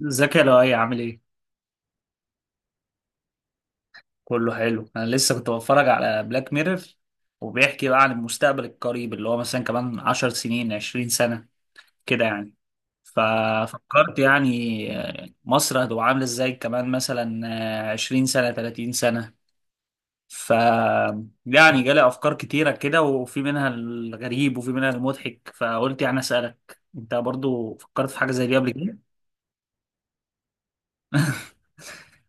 زكي لو اي عامل ايه. كله حلو، انا لسه كنت بتفرج على بلاك ميرور وبيحكي بقى عن المستقبل القريب اللي هو مثلا كمان عشر سنين عشرين سنة كده يعني. ففكرت يعني مصر هتبقى عاملة ازاي كمان مثلا عشرين سنة تلاتين سنة. ف يعني جالي افكار كتيرة كده، وفي منها الغريب وفي منها المضحك، فقلت يعني اسألك انت برضو فكرت في حاجة زي دي قبل كده.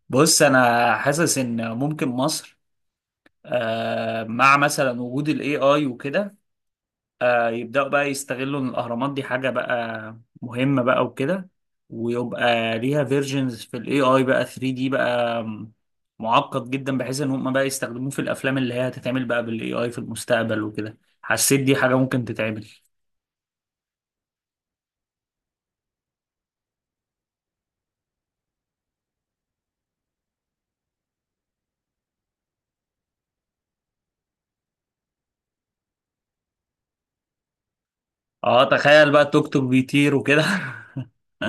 بص انا حاسس ان ممكن مصر مع مثلا وجود الاي اي وكده يبداوا بقى يستغلوا ان الاهرامات دي حاجه بقى مهمه بقى وكده، ويبقى ليها فيرجنز في الاي اي بقى 3 دي بقى معقد جدا بحيث ان هم بقى يستخدموه في الافلام اللي هي هتتعمل بقى بالاي اي في المستقبل وكده. حسيت دي حاجه ممكن تتعمل. اه تخيل بقى توك توك بيطير وكده.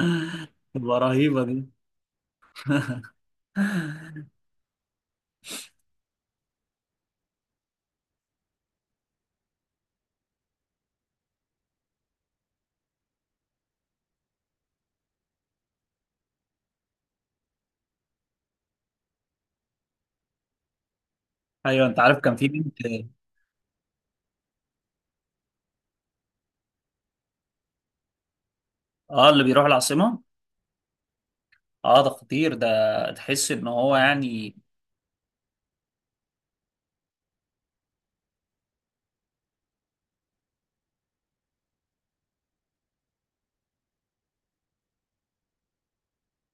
تبقى رهيبه دي. ايوه. انت عارف كان في بنت. اه اللي بيروح العاصمه. اه ده خطير ده، تحس ان هو يعني.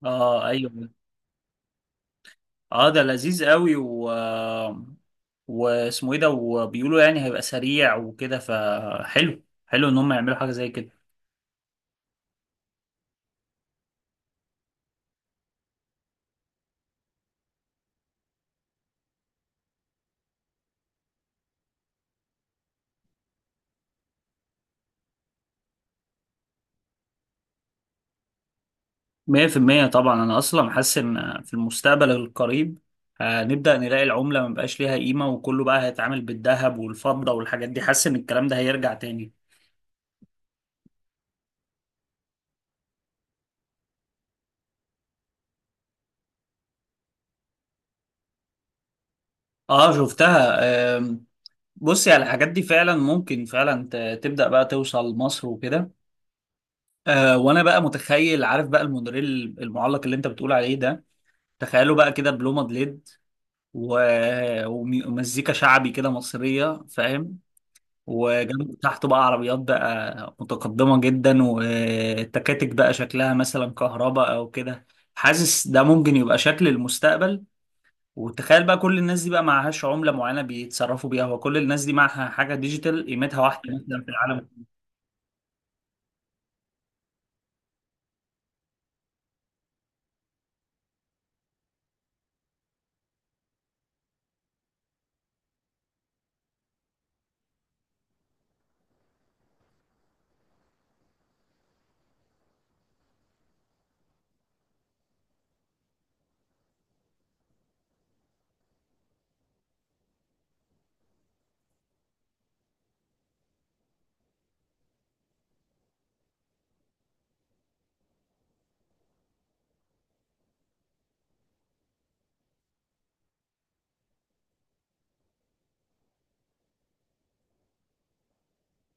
اه ايوه. اه ده لذيذ قوي واسمه ايه ده، وبيقولوا يعني هيبقى سريع وكده، فحلو حلو ان هم يعملوا حاجه زي كده. 100% طبعا. انا اصلا حاسس ان في المستقبل القريب هنبدا نلاقي العمله ما بقاش ليها قيمه، وكله بقى هيتعامل بالذهب والفضه والحاجات دي. حاسس ان الكلام ده هيرجع تاني. اه شفتها. آم، بصي على الحاجات دي فعلا ممكن فعلا تبدا بقى توصل مصر وكده. آه وانا بقى متخيل، عارف بقى المونوريل المعلق اللي انت بتقول عليه ده، تخيله بقى كده بلومد ليد و... ومزيكا شعبي كده مصرية، فاهم؟ وجنب تحته بقى عربيات بقى متقدمة جدا، والتكاتك بقى شكلها مثلا كهرباء او كده. حاسس ده ممكن يبقى شكل المستقبل. وتخيل بقى كل الناس دي بقى معهاش عملة معينة بيتصرفوا بيها، وكل الناس دي معها حاجة ديجيتال قيمتها واحدة مثلا في العالم.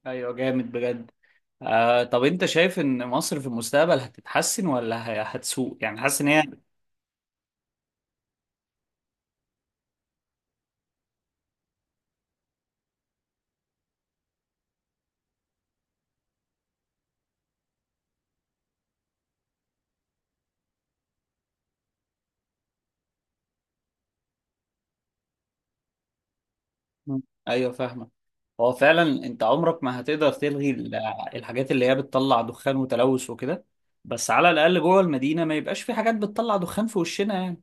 ايوه جامد بجد. آه طب انت شايف ان مصر في المستقبل هتتحسن ولا هتسوء؟ يعني حاسس ان هي. مم. ايوه فاهمه. هو فعلا انت عمرك ما هتقدر تلغي الحاجات اللي هي بتطلع دخان وتلوث وكده، بس على الاقل جوه المدينه ما يبقاش في حاجات بتطلع دخان في وشنا يعني.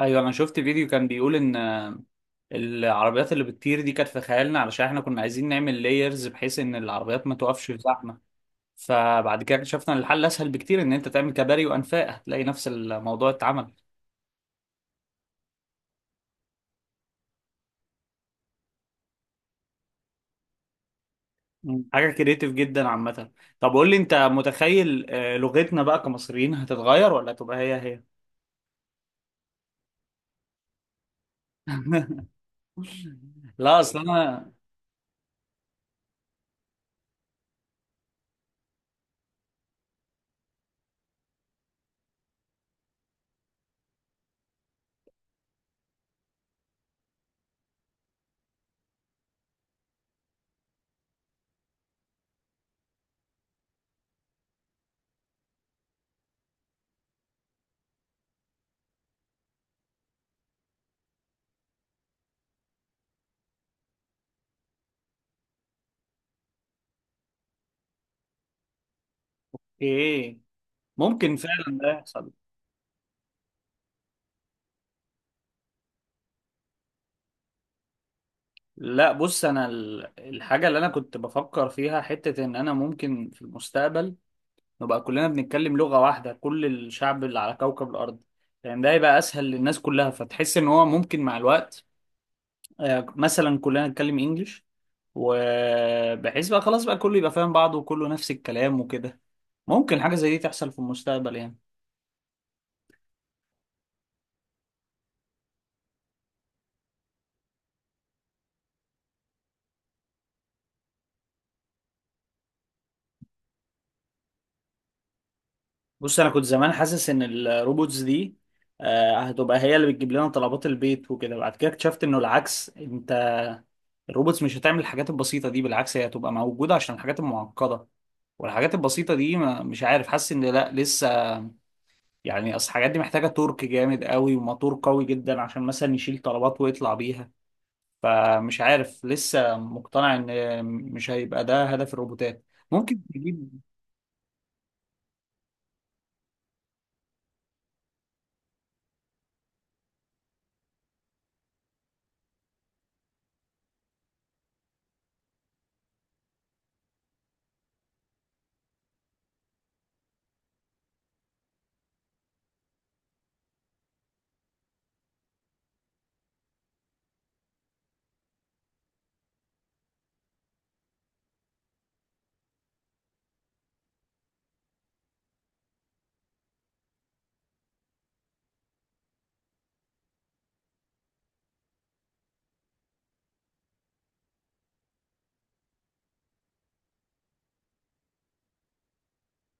ايوه انا شفت فيديو كان بيقول ان العربيات اللي بتطير دي كانت في خيالنا علشان احنا كنا عايزين نعمل لايرز بحيث ان العربيات ما توقفش في زحمه. فبعد كده اكتشفنا ان الحل اسهل بكتير، ان انت تعمل كباري وانفاق. هتلاقي نفس الموضوع اتعمل. مم. حاجة كريتيف جدا عامة. طب قول لي، انت متخيل لغتنا بقى كمصريين هتتغير ولا تبقى هي هي؟ لا اصل انا. ايه ممكن فعلا ده يحصل. لا بص، انا الحاجة اللي انا كنت بفكر فيها حتة ان انا ممكن في المستقبل نبقى كلنا بنتكلم لغة واحدة، كل الشعب اللي على كوكب الارض، لان ده يبقى اسهل للناس كلها. فتحس ان هو ممكن مع الوقت مثلا كلنا نتكلم انجلش، وبحيث بقى خلاص بقى كله يبقى فاهم بعضه وكله نفس الكلام وكده. ممكن حاجة زي دي تحصل في المستقبل يعني. بص أنا كنت زمان حاسس إن الروبوتس دي هتبقى هي اللي بتجيب لنا طلبات البيت وكده. بعد كده اكتشفت إنه العكس، أنت الروبوتس مش هتعمل الحاجات البسيطة دي. بالعكس هي هتبقى موجودة عشان الحاجات المعقدة. والحاجات البسيطة دي ما مش عارف، حاسس إن لأ لسه. يعني أصل الحاجات دي محتاجة تورك جامد قوي وموتور قوي جدا عشان مثلا يشيل طلبات ويطلع بيها. فمش عارف، لسه مقتنع ان مش هيبقى ده هدف الروبوتات. ممكن تجيب.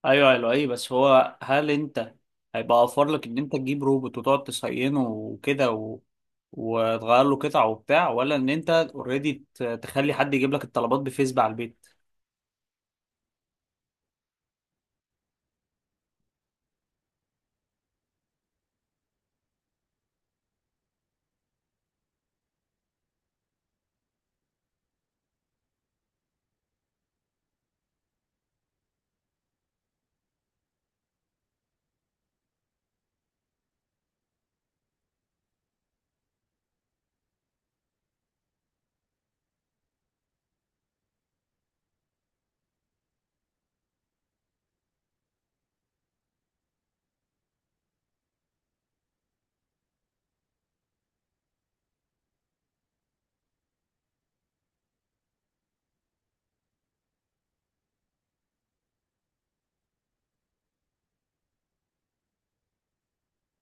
ايوه ايوه، ايه بس هو هل انت هيبقى اوفر لك ان انت تجيب روبوت وتقعد تصينه وكده و... وتغير له قطع وبتاع؟ ولا ان انت اوريدي تخلي حد يجيب لك الطلبات بفيسبوك على البيت؟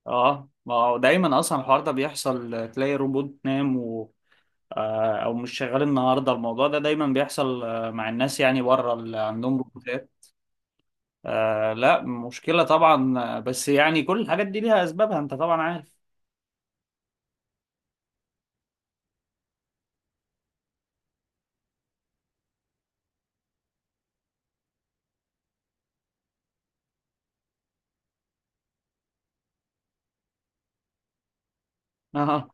اه ما هو دايما اصلا الحوار ده بيحصل، تلاقي روبوت نام و... او مش شغال النهارده. الموضوع ده دايما بيحصل مع الناس يعني بره اللي عندهم روبوتات. آه لا مشكلة طبعا بس يعني كل الحاجات دي ليها أسبابها، أنت طبعا عارف. اه.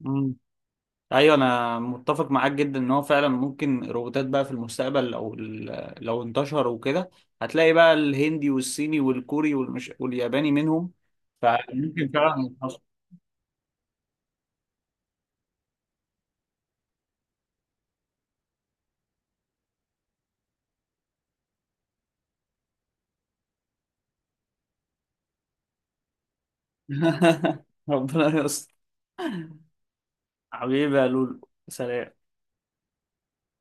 مم. أيوة، أنا متفق معاك جدا إن هو فعلا ممكن الروبوتات بقى في المستقبل لو لو انتشروا وكده، هتلاقي بقى الهندي والصيني والكوري والياباني منهم. فممكن فعلا يتحصل. ربنا يستر. حبيبي يا لولو سلام.